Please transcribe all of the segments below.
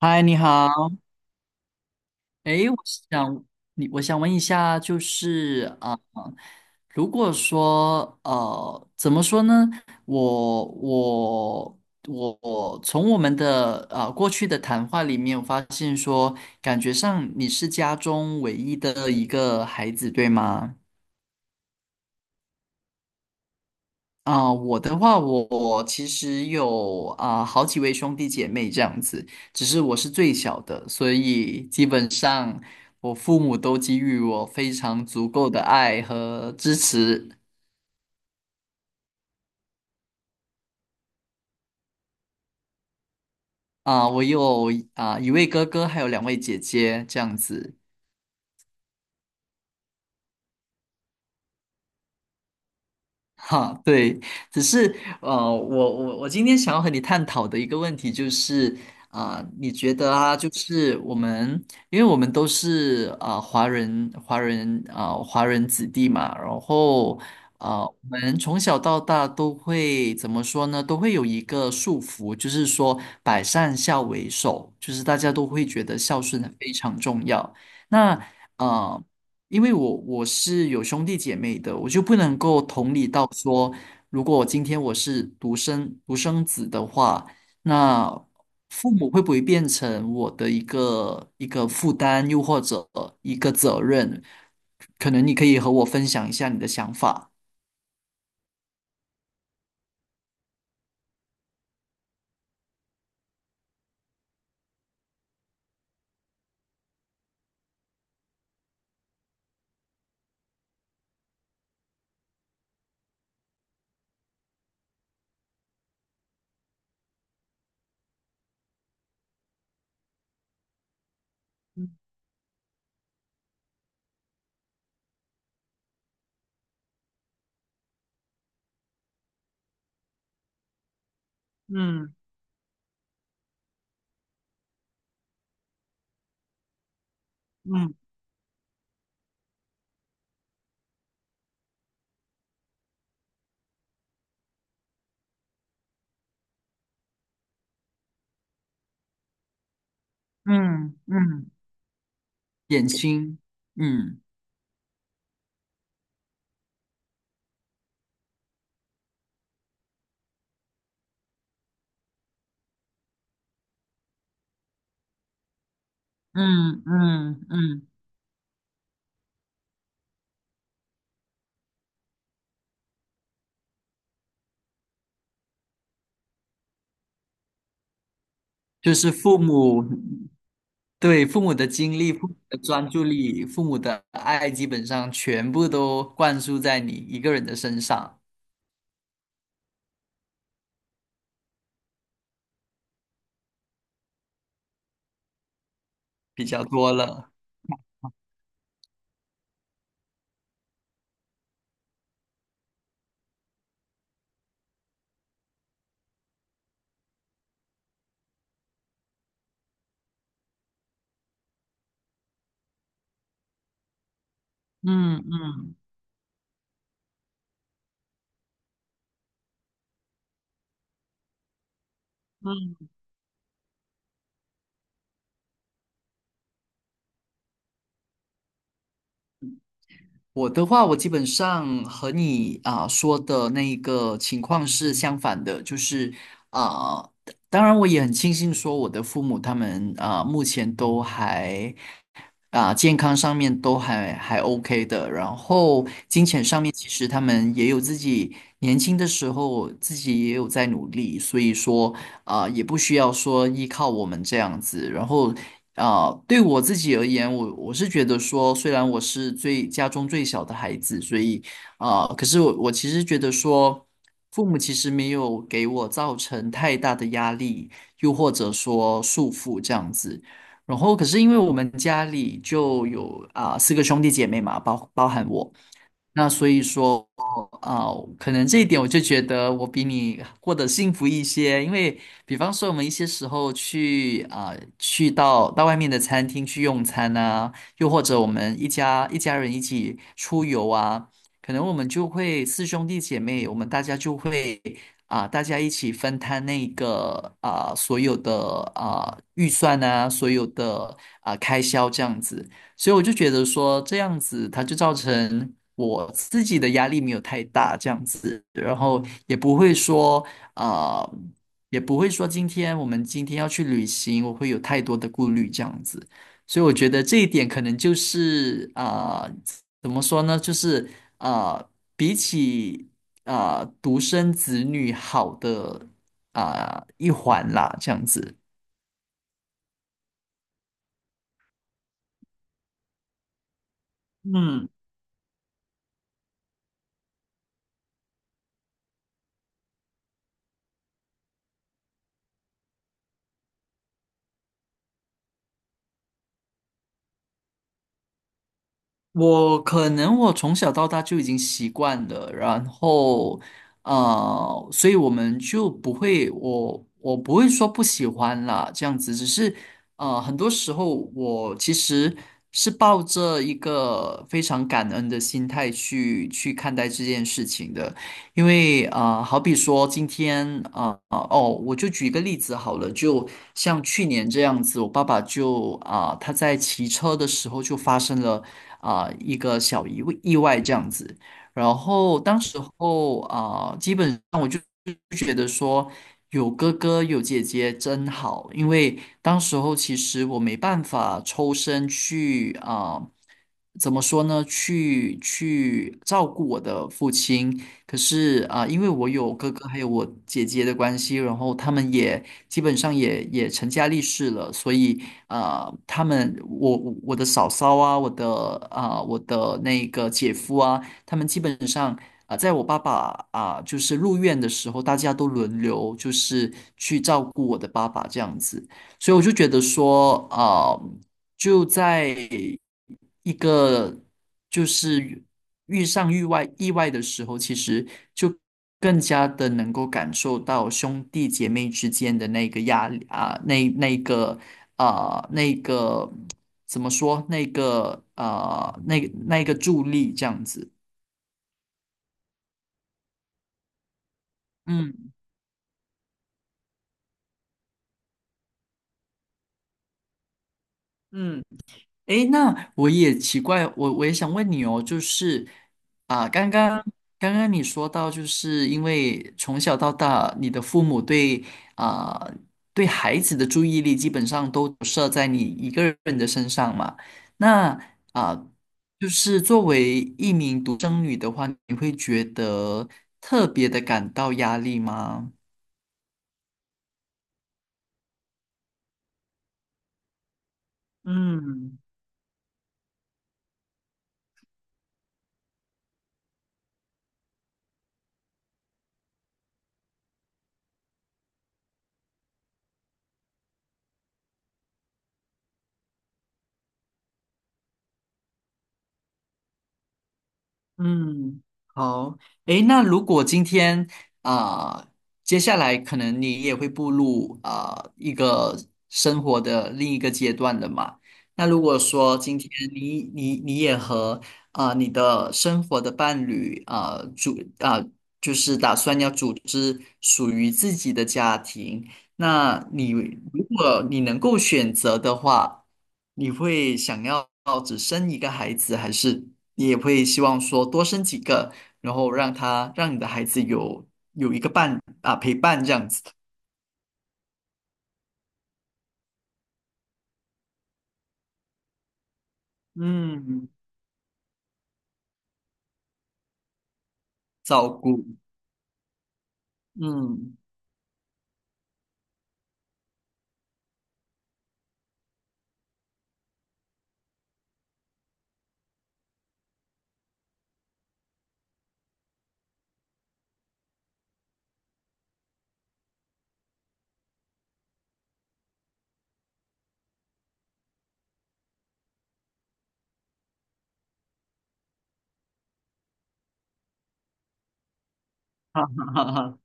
嗨，你好。诶，我想你，我想问一下，就是如果说怎么说呢？我我我从我们的过去的谈话里面，我发现说，感觉上你是家中唯一的一个孩子，对吗？我的话，我其实有好几位兄弟姐妹这样子，只是我是最小的，所以基本上我父母都给予我非常足够的爱和支持。我有一位哥哥，还有两位姐姐这样子。哈，对，只是我我今天想要和你探讨的一个问题就是，你觉得就是我们，因为我们都是华人，华人子弟嘛，然后我们从小到大都会怎么说呢？都会有一个束缚，就是说百善孝为首，就是大家都会觉得孝顺非常重要。那啊、呃因为我是有兄弟姐妹的，我就不能够同理到说，如果今天我是独生子的话，那父母会不会变成我的一个负担，又或者一个责任？可能你可以和我分享一下你的想法，嗯嗯嗯嗯点心，嗯，嗯嗯嗯就是父母。对，父母的精力、父母的专注力、父母的爱，基本上全部都灌输在你一个人的身上比较多了。嗯嗯嗯。我的话，我基本上和你说的那一个情况是相反的，就是啊、当然我也很庆幸说我的父母他们目前都还健康上面都还 OK 的，然后金钱上面其实他们也有自己年轻的时候自己也有在努力，所以说也不需要说依靠我们这样子，然后对我自己而言，我是觉得说，虽然我是最家中最小的孩子，所以可是我其实觉得说，父母其实没有给我造成太大的压力，又或者说束缚这样子。然后，可是因为我们家里就有四个兄弟姐妹嘛，包含我。那所以说，啊、可能这一点我就觉得我比你过得幸福一些，因为比方说我们一些时候去去到外面的餐厅去用餐啊，又或者我们一家人一起出游啊，可能我们就会四兄弟姐妹，我们大家就会大家一起分摊那个所有的预算呐，所有的开销这样子。所以我就觉得说这样子，它就造成我自己的压力没有太大，这样子，然后也不会说，啊，也不会说今天我们今天要去旅行，我会有太多的顾虑这样子。所以我觉得这一点可能就是怎么说呢？就是啊，比起独生子女好的一环啦，这样子。嗯，我可能我从小到大就已经习惯了，然后所以我们就不会，我不会说不喜欢啦，这样子，只是很多时候我其实是抱着一个非常感恩的心态去看待这件事情的，因为啊，好比说今天我就举一个例子好了，就像去年这样子，我爸爸就他在骑车的时候就发生了一个小意外这样子。然后当时候基本上我就觉得说有哥哥有姐姐真好，因为当时候其实我没办法抽身去怎么说呢？去照顾我的父亲。可是因为我有哥哥还有我姐姐的关系，然后他们也基本上也成家立室了，所以他们我的嫂嫂啊，我的我的那个姐夫啊，他们基本上在我爸爸就是入院的时候，大家都轮流就是去照顾我的爸爸这样子，所以我就觉得说就在一个就是遇上意外的时候，其实就更加的能够感受到兄弟姐妹之间的那个压力啊，那个怎么说那个那个助力这样子，嗯嗯。诶，那我也奇怪，我也想问你哦，就是啊，刚刚刚刚你说到，就是因为从小到大，你的父母对啊对孩子的注意力基本上都设在你一个人的身上嘛。那啊，就是作为一名独生女的话，你会觉得特别的感到压力吗？嗯。嗯，好，诶，那如果今天啊、呃接下来可能你也会步入一个生活的另一个阶段了嘛？那如果说今天你也和你的生活的伴侣啊、呃组啊、呃就是打算要组织属于自己的家庭，那你如果你能够选择的话。你会想要只生一个孩子，还是你也会希望说多生几个，然后让你的孩子有一个伴啊陪伴这样子？嗯，照顾，嗯，哈哈哈哈。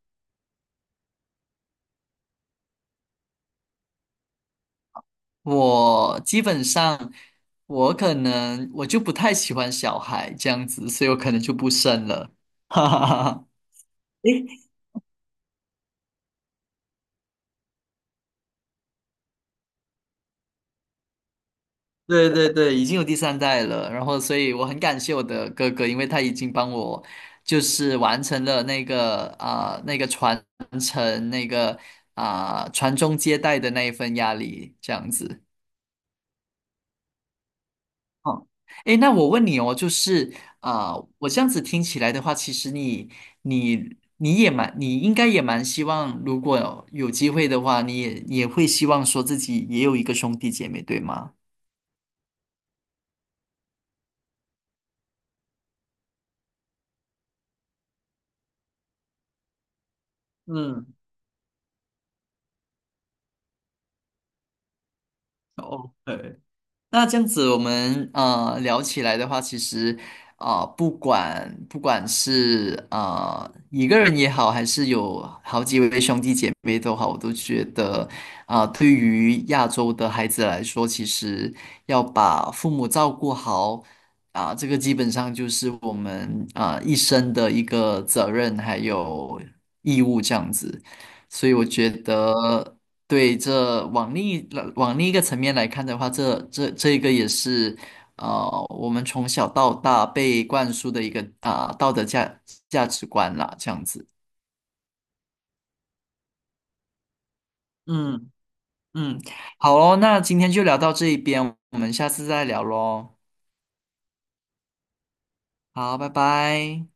我基本上我可能我就不太喜欢小孩这样子，所以我可能就不生了。哈哈哈哈。对对对，已经有第三代了，然后所以我很感谢我的哥哥，因为他已经帮我就是完成了那个那个传承那个传宗接代的那一份压力，这样子。哦，诶，那我问你哦，就是啊、我这样子听起来的话，其实你也蛮，你应该也蛮希望，如果有机会的话，你也也会希望说自己也有一个兄弟姐妹，对吗？嗯，OK,那这样子，我们聊起来的话，其实不管是一个人也好，还是有好几位兄弟姐妹都好，我都觉得对于亚洲的孩子来说，其实要把父母照顾好这个基本上就是我们一生的一个责任还有义务这样子，所以我觉得。对，这往另一个层面来看的话，这个也是，我们从小到大被灌输的一个道德价值观啦，这样子。嗯嗯，好哦，那今天就聊到这一边，我们下次再聊喽。好，拜拜。